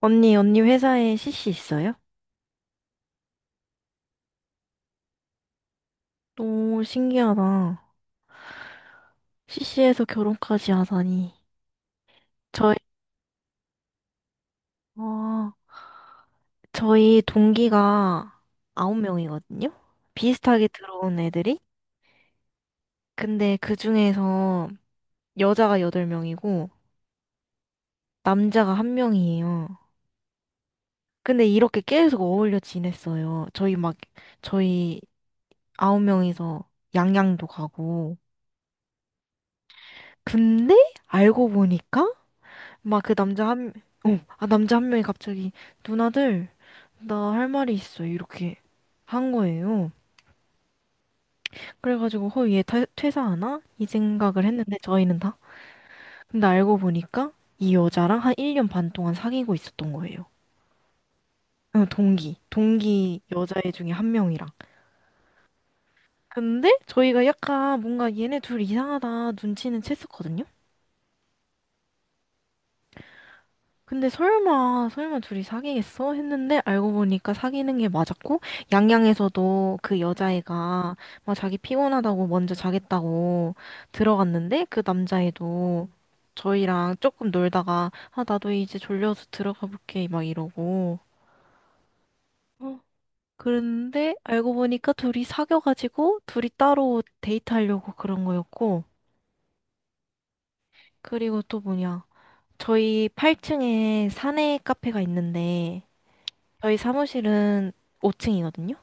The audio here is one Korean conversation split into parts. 언니, 언니 회사에 CC 있어요? 너무 신기하다. CC에서 결혼까지 하다니. 저희, 와, 저희 동기가 아홉 명이거든요? 비슷하게 들어온 애들이? 근데 그 중에서 여자가 여덟 명이고, 남자가 한 명이에요. 근데 이렇게 계속 어울려 지냈어요. 저희 막, 저희 아홉 명이서 양양도 가고. 근데 알고 보니까 막 그 남자 한, 남자 한 명이 갑자기, 누나들, 나 할 말이 있어. 이렇게 한 거예요. 그래가지고, 허, 얘 퇴사하나? 이 생각을 했는데, 저희는 다. 근데 알고 보니까, 이 여자랑 한 1년 반 동안 사귀고 있었던 거예요. 어, 동기. 동기 여자애 중에 한 명이랑. 근데, 저희가 약간 뭔가 얘네 둘 이상하다 눈치는 챘었거든요? 근데 설마 둘이 사귀겠어? 했는데 알고 보니까 사귀는 게 맞았고, 양양에서도 그 여자애가 막 자기 피곤하다고 먼저 자겠다고 들어갔는데, 그 남자애도 저희랑 조금 놀다가, 아, 나도 이제 졸려서 들어가 볼게, 막 이러고. 어, 그런데 알고 보니까 둘이 사귀어가지고, 둘이 따로 데이트하려고 그런 거였고, 그리고 또 뭐냐. 저희 8층에 사내 카페가 있는데, 저희 사무실은 5층이거든요.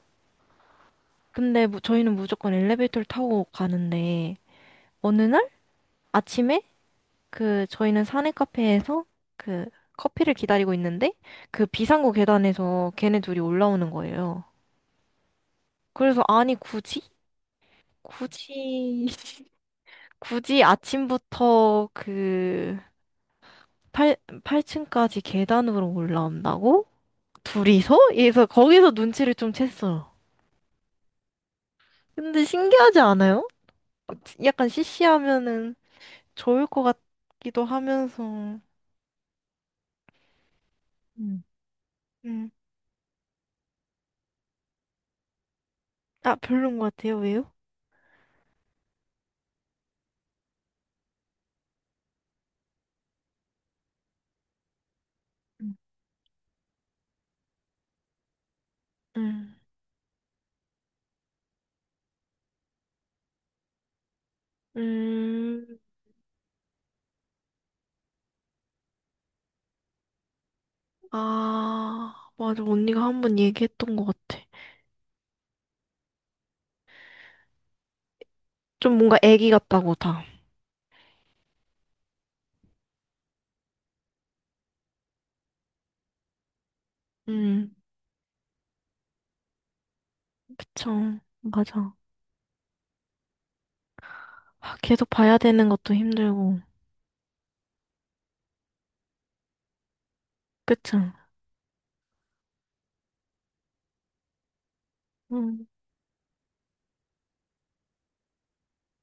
근데 저희는 무조건 엘리베이터를 타고 가는데 어느 날 아침에 그 저희는 사내 카페에서 그 커피를 기다리고 있는데 그 비상구 계단에서 걔네 둘이 올라오는 거예요. 그래서 아니 굳이 굳이 아침부터 그 8, 8층까지 계단으로 올라온다고? 둘이서? 그래서 거기서 눈치를 좀 챘어요. 근데 신기하지 않아요? 약간 시시하면은 좋을 것 같기도 하면서, 음, 음. 아, 별론 것 같아요. 왜요? 음. 음. 음. 아, 맞아. 언니가 한 번 얘기했던 것 같아. 좀 뭔가 애기 같다고 다. 음. 그쵸. 맞아. 아, 계속 봐야 되는 것도 힘들고. 그쵸. 음.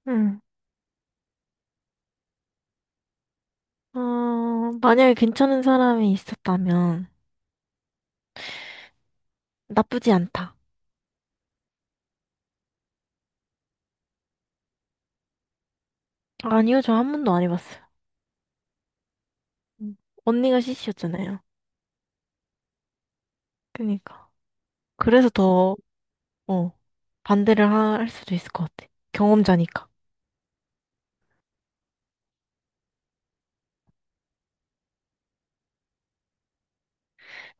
음. 어, 만약에 괜찮은 사람이 있었다면 나쁘지 않다. 아니요, 저 한 번도 안 해봤어요. 음. 언니가 CC였잖아요. 그니까. 그래서 더 어, 반대를 할 수도 있을 것 같아. 경험자니까.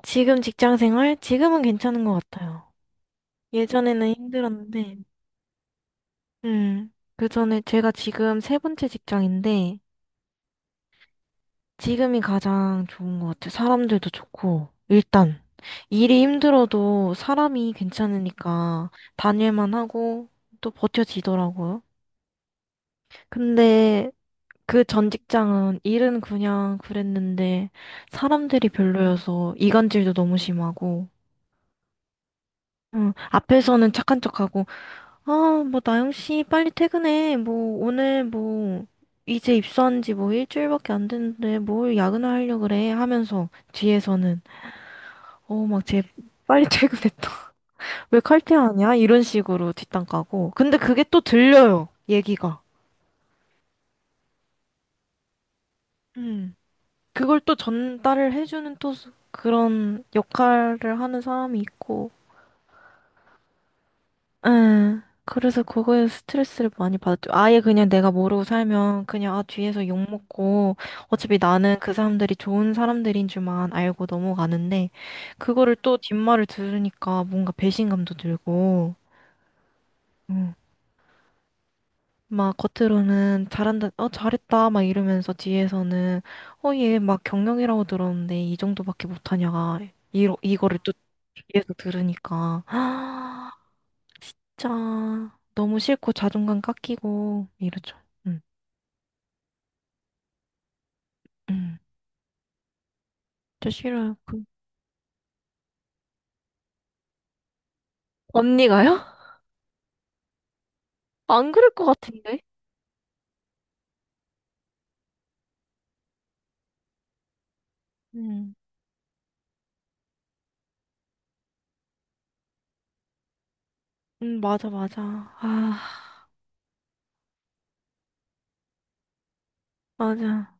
지금 직장 생활? 지금은 괜찮은 것 같아요. 예전에는 힘들었는데, 그 전에 제가 지금 세 번째 직장인데, 지금이 가장 좋은 것 같아요. 사람들도 좋고, 일단, 일이 힘들어도 사람이 괜찮으니까 다닐만 하고, 또 버텨지더라고요. 근데 그 전 직장은 일은 그냥 그랬는데, 사람들이 별로여서 이간질도 너무 심하고, 응, 앞에서는 착한 척하고, 아, 뭐, 나영 씨, 빨리 퇴근해. 뭐, 오늘 뭐, 이제 입사한 지 뭐 일주일밖에 안 됐는데, 뭘 야근을 하려 그래? 하면서, 뒤에서는, 어, 막, 쟤, 빨리 퇴근했다. 왜 칼퇴하냐? 이런 식으로 뒷담 까고. 근데 그게 또 들려요, 얘기가. 음, 그걸 또 전달을 해주는 또, 그런 역할을 하는 사람이 있고, 응. 그래서 그거에 스트레스를 많이 받았죠. 아예 그냥 내가 모르고 살면 그냥 아 뒤에서 욕 먹고 어차피 나는 그 사람들이 좋은 사람들인 줄만 알고 넘어가는데 그거를 또 뒷말을 들으니까 뭔가 배신감도 들고 응. 막 겉으로는 잘한다, 어 잘했다 막 이러면서 뒤에서는 어 얘 막 경영이라고 들었는데 이 정도밖에 못하냐가 이 이거를 또 뒤에서 들으니까 진짜 너무 싫고 자존감 깎이고 이러죠. 응, 응. 저 싫어요. 그 언니가요? 안 그럴 것 같은데? 응, 응, 맞아, 맞아. 아, 맞아.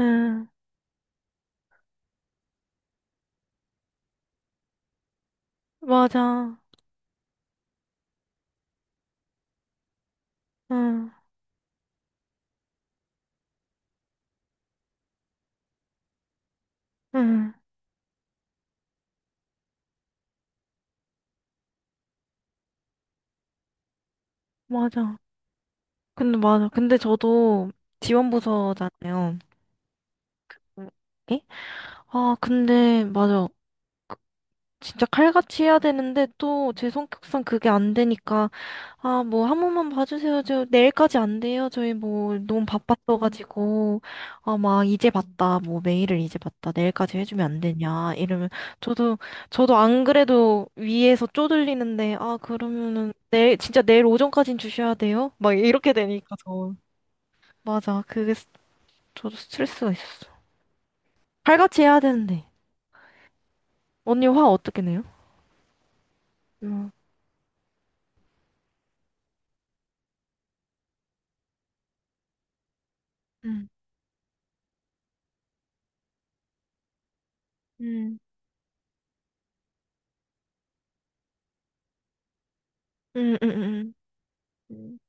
응, 맞아. 응, 응, 맞아. 근데 맞아. 근데 저도, 지원부서잖아요. 응. 에? 아, 근데 맞아. 진짜 칼같이 해야 되는데 또 제 성격상 그게 안 되니까 아 뭐 한 번만 봐주세요 저 내일까지 안 돼요 저희 뭐 너무 바빴어가지고 아 막 이제 봤다 뭐 메일을 이제 봤다 내일까지 해주면 안 되냐 이러면 저도 저도 안 그래도 위에서 쪼들리는데 아 그러면은 내일 진짜 내일 오전까진 주셔야 돼요 막 이렇게 되니까 저 맞아 그게 저도 스트레스가 있었어 칼같이 해야 되는데 언니 화 어떻게 내요? 음, 음. 음. 응응응 음,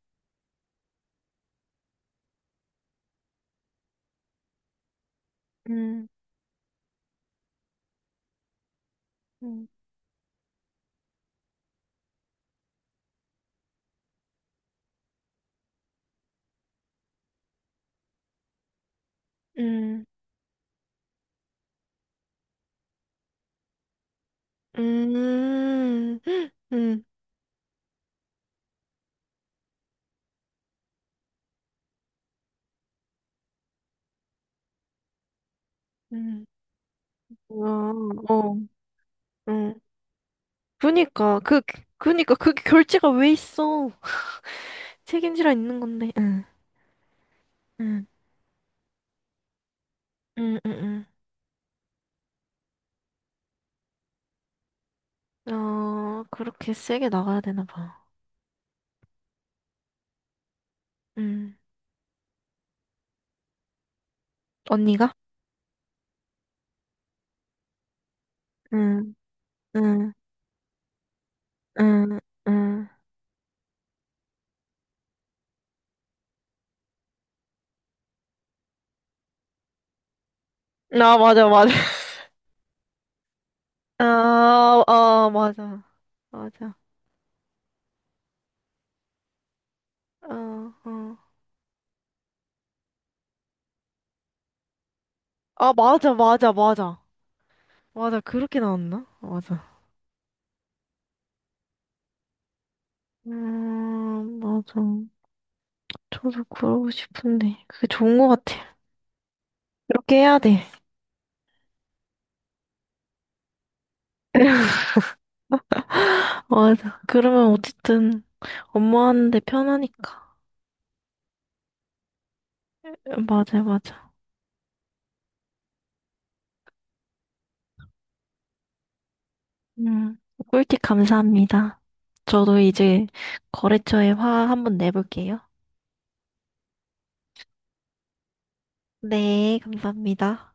음, 음, 음, 음, 음. 음. 어, 어, 응. 그니까, 그, 그니까, 그게 결제가 왜 있어? 책임지라 있는 건데, 응, 응, 응, 응, 응. 어, 그렇게 세게 나가야 되나 봐. 응. 언니가? 응, 응, 응, 응. 아, 맞아, 맞아. 아, 아, 맞아. 맞아. 어, 어. 아, 맞아, 맞아, 맞아. 맞아, 그렇게 나왔나? 맞아. 맞아. 저도 그러고 싶은데, 그게 좋은 것 같아. 그렇게 해야 돼. 맞아. 그러면 어쨌든, 업무하는데 편하니까. 맞아, 맞아. 음, 꿀팁 감사합니다. 저도 이제 거래처에 화 한번 내볼게요. 네, 감사합니다.